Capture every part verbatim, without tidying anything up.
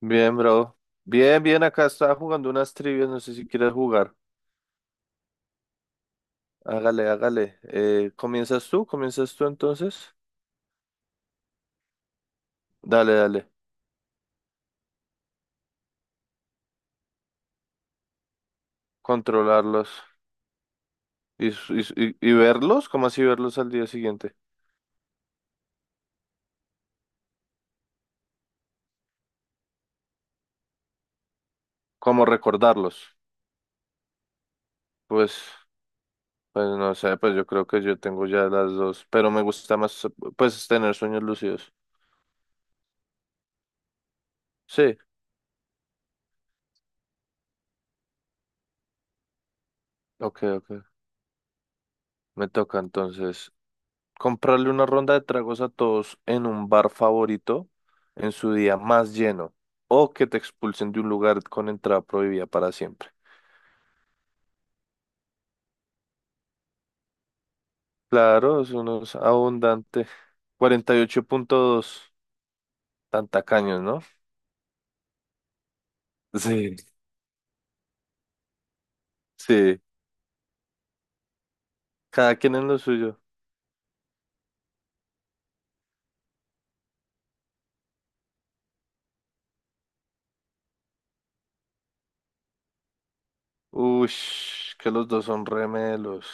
Bien, bro. Bien, bien, acá estaba jugando unas trivias, no sé si quieres jugar. Hágale, hágale. Eh, ¿comienzas tú? ¿Comienzas tú entonces? Dale, dale. Controlarlos y, s- y, s- y- y verlos, ¿cómo así verlos al día siguiente? ¿Cómo recordarlos? Pues, pues no sé, pues yo creo que yo tengo ya las dos, pero me gusta más, pues, tener sueños lúcidos. Sí, ok, ok. Me toca entonces. Comprarle una ronda de tragos a todos en un bar favorito en su día más lleno o que te expulsen de un lugar con entrada prohibida para siempre. Claro, eso no es abundante. cuarenta y ocho punto dos, tan tacaños, ¿no? Sí. Sí, cada quien en lo suyo. Ush, que los dos son remelos.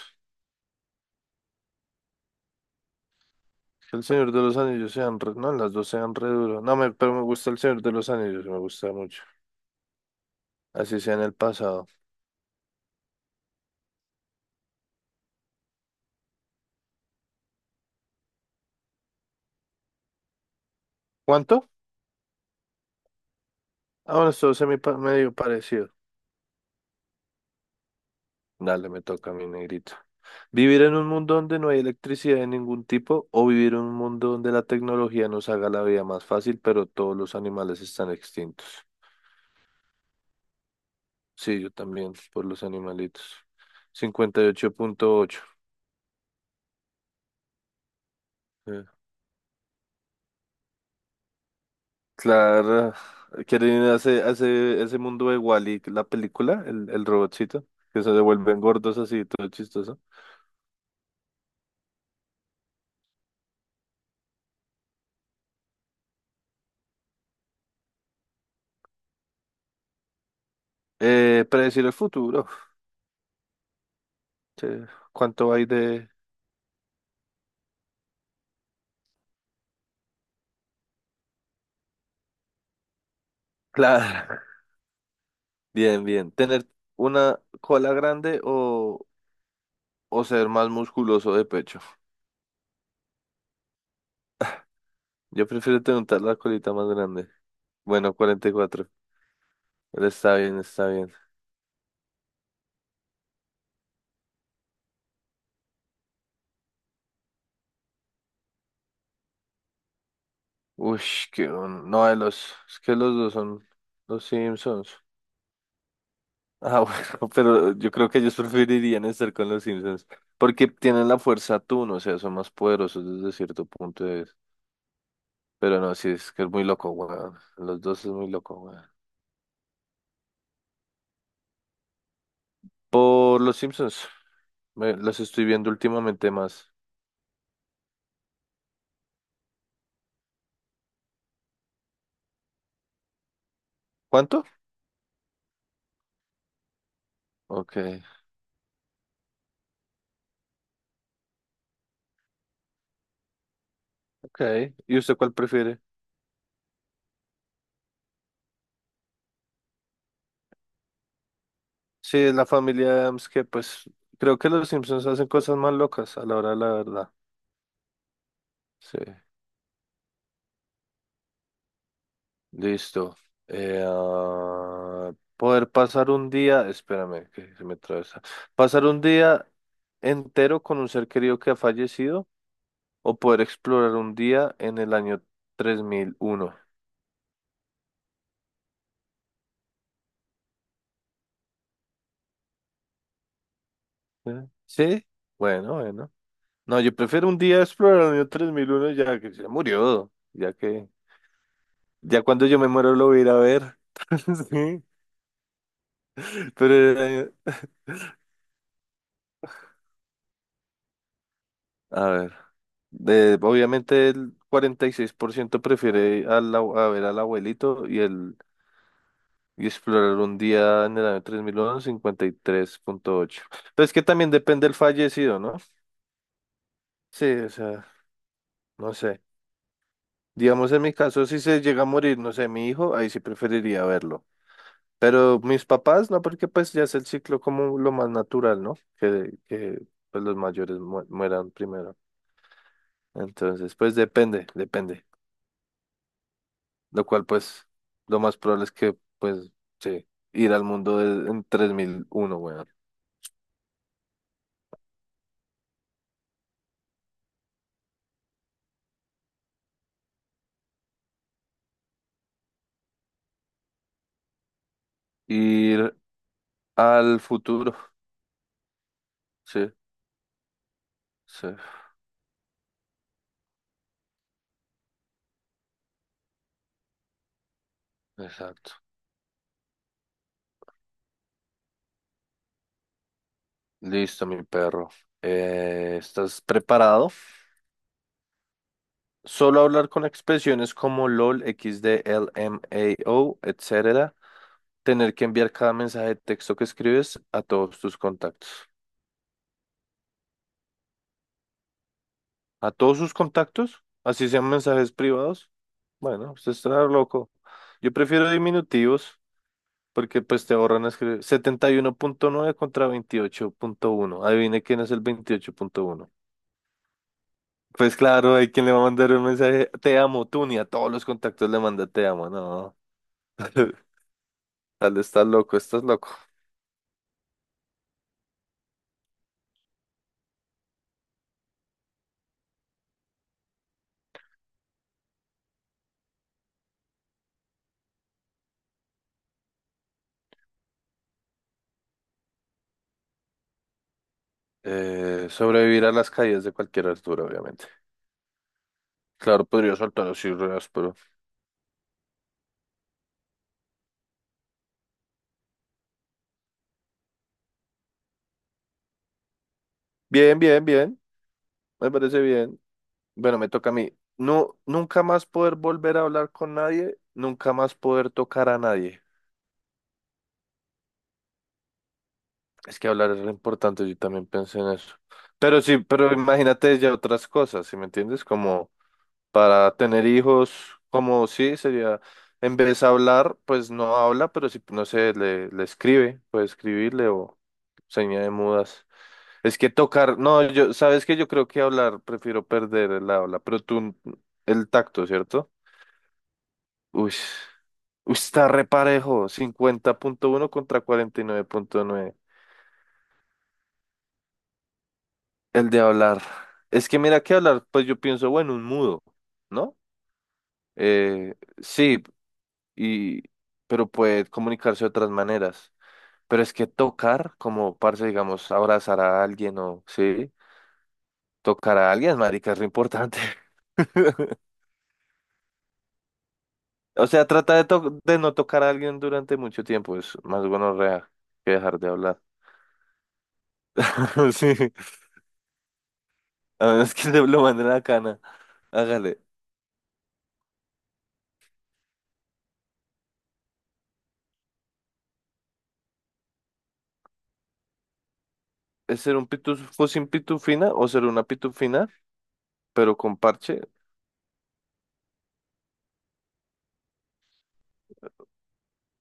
Que el Señor de los Anillos sean re... no, las dos sean re duros. No, me... pero me gusta el Señor de los Anillos, me gusta mucho. Así sea en el pasado. ¿Cuánto? Ah, bueno, esto se me medio parecido. Dale, me toca a mi negrito. ¿Vivir en un mundo donde no hay electricidad de ningún tipo o vivir en un mundo donde la tecnología nos haga la vida más fácil, pero todos los animales están extintos? Sí, yo también, por los animalitos. cincuenta y ocho punto ocho. Eh, claro, ¿quieren ir hace ese, ese- ese mundo de Wall-E, la película, el, el robotcito? Que se devuelven gordos así, todo chistoso. Eh, predecir el futuro. Sí, ¿cuánto hay de...? Claro. Bien, bien. ¿Tener una cola grande o, o ser más musculoso de pecho? Yo prefiero tener la colita más grande. Bueno, cuarenta y cuatro. Él está bien, está bien. Uy, que un- no, de los, es que los dos son los Simpsons. Ah, bueno, pero yo creo que ellos preferirían estar con los Simpsons porque tienen la fuerza Tun, o sea, son más poderosos desde cierto punto de vista. Pero no, sí, es que es muy loco, weón. Los dos es muy loco, weón. Por los Simpsons. Me- las estoy viendo últimamente más. ¿Cuánto? Ok, ok. ¿Y usted cuál prefiere? Sí, es la familia Adams que pues creo que los Simpsons hacen cosas más locas a la hora de la verdad. Sí, listo. Eh, ah, poder pasar un día, espérame que se me atraviesa. Pasar un día entero con un ser querido que ha fallecido o poder explorar un día en el año tres mil uno. ¿Eh? Sí, bueno, bueno. No, yo prefiero un día explorar el año tres mil uno ya que se murió, ya que ya cuando yo me muero lo voy a ir a ver. Sí, pero el año- a ver, de- obviamente el cuarenta y seis por ciento prefiere al abue- a ver al abuelito y el y explorar un día en el año tres mil uno, cincuenta y tres punto ocho. Pero es que también depende del fallecido, ¿no? Sí, o sea, no sé. Digamos en mi caso, si se llega a morir, no sé, mi hijo, ahí sí preferiría verlo. Pero mis papás, no, porque pues ya es el ciclo como lo más natural, ¿no? Que, que pues los mayores mu- mueran primero. Entonces, pues depende, depende. Lo cual, pues, lo más probable es que, pues, sí, ir al mundo de- en tres mil uno weón. Ir al futuro. Sí, sí, exacto. Listo, mi perro. Eh, ¿estás preparado? Solo hablar con expresiones como L O L, x equis de, L M A O, etcétera tener que enviar cada mensaje de texto que escribes a todos tus contactos. A todos sus contactos, así sean mensajes privados. Bueno, usted está loco. Yo prefiero diminutivos porque pues te ahorran escribir setenta y uno punto nueve contra veintiocho punto uno. Adivine quién es el veintiocho punto uno. Pues claro, hay quien le va a mandar un mensaje, te amo, tú ni a todos los contactos le manda te amo, no. Tal estás loco, estás loco. Eh, sobrevivir a las caídas de cualquier altura, obviamente. Claro, podría saltar así, pero bien, bien, bien. Me parece bien. Bueno, me toca a mí. No, nunca más poder volver a hablar con nadie, nunca más poder tocar a nadie. Es que hablar es lo importante, yo también pensé en eso. Pero sí, pero imagínate ya otras cosas, ¿sí me entiendes? Como para tener hijos, como sí, sería, en vez de hablar, pues no habla, pero si, no sé, le, le escribe, puede escribirle o señal de mudas. Es que tocar, no, yo, sabes que yo creo que hablar, prefiero perder el habla, pero tú, el tacto, ¿cierto? Uy, uy, está reparejo, cincuenta punto uno contra cuarenta y nueve punto nueve. El de hablar. Es que mira que hablar, pues yo pienso, bueno, un mudo, ¿no? Eh, sí, y, pero puede comunicarse de otras maneras. Pero es que tocar, como parce, digamos, abrazar a alguien o, sí, tocar a alguien, marica, es re importante. O sea, trata de, to- de no tocar a alguien durante mucho tiempo. Es más gonorrea que dejar de hablar. Sí, a menos que le lo manden a la cana. Hágale. ¿Es ser un pitufo sin pitufina o ser una pitufina, pero con parche?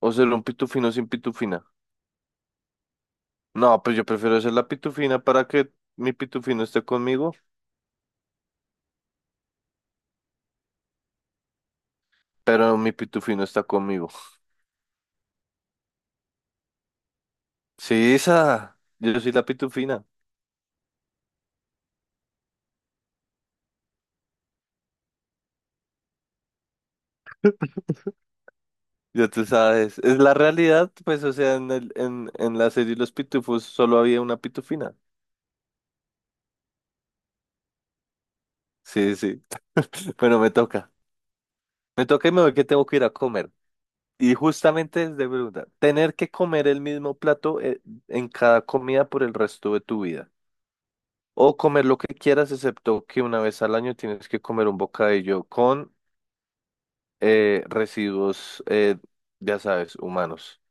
¿O ser un pitufino sin pitufina? No, pues yo prefiero ser la pitufina para que mi pitufino esté conmigo, pero mi pitufino está conmigo. Sí, esa. Yo soy la pitufina. Ya tú sabes, es la realidad, pues, o sea, en el, en, en la serie Los Pitufos solo había una pitufina. Sí, sí. Bueno, me toca. Me toca y me voy que tengo que ir a comer. Y justamente es de pregunta, ¿tener que comer el mismo plato eh, en cada comida por el resto de tu vida? O comer lo que quieras, excepto que una vez al año tienes que comer un bocadillo con eh, residuos, eh, ya sabes, humanos.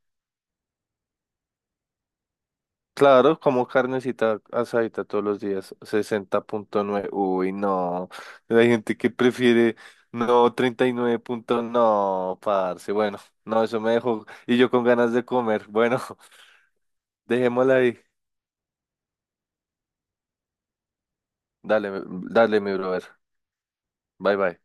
Claro, como carnecita asadita todos los días, sesenta punto nueve. Uy, no. Hay gente que prefiere, no, treinta y nueve. No, parce. Bueno, no, eso me dejó. Y yo con ganas de comer. Bueno, dejémosla ahí. Dale, dale, mi brother. Bye, bye.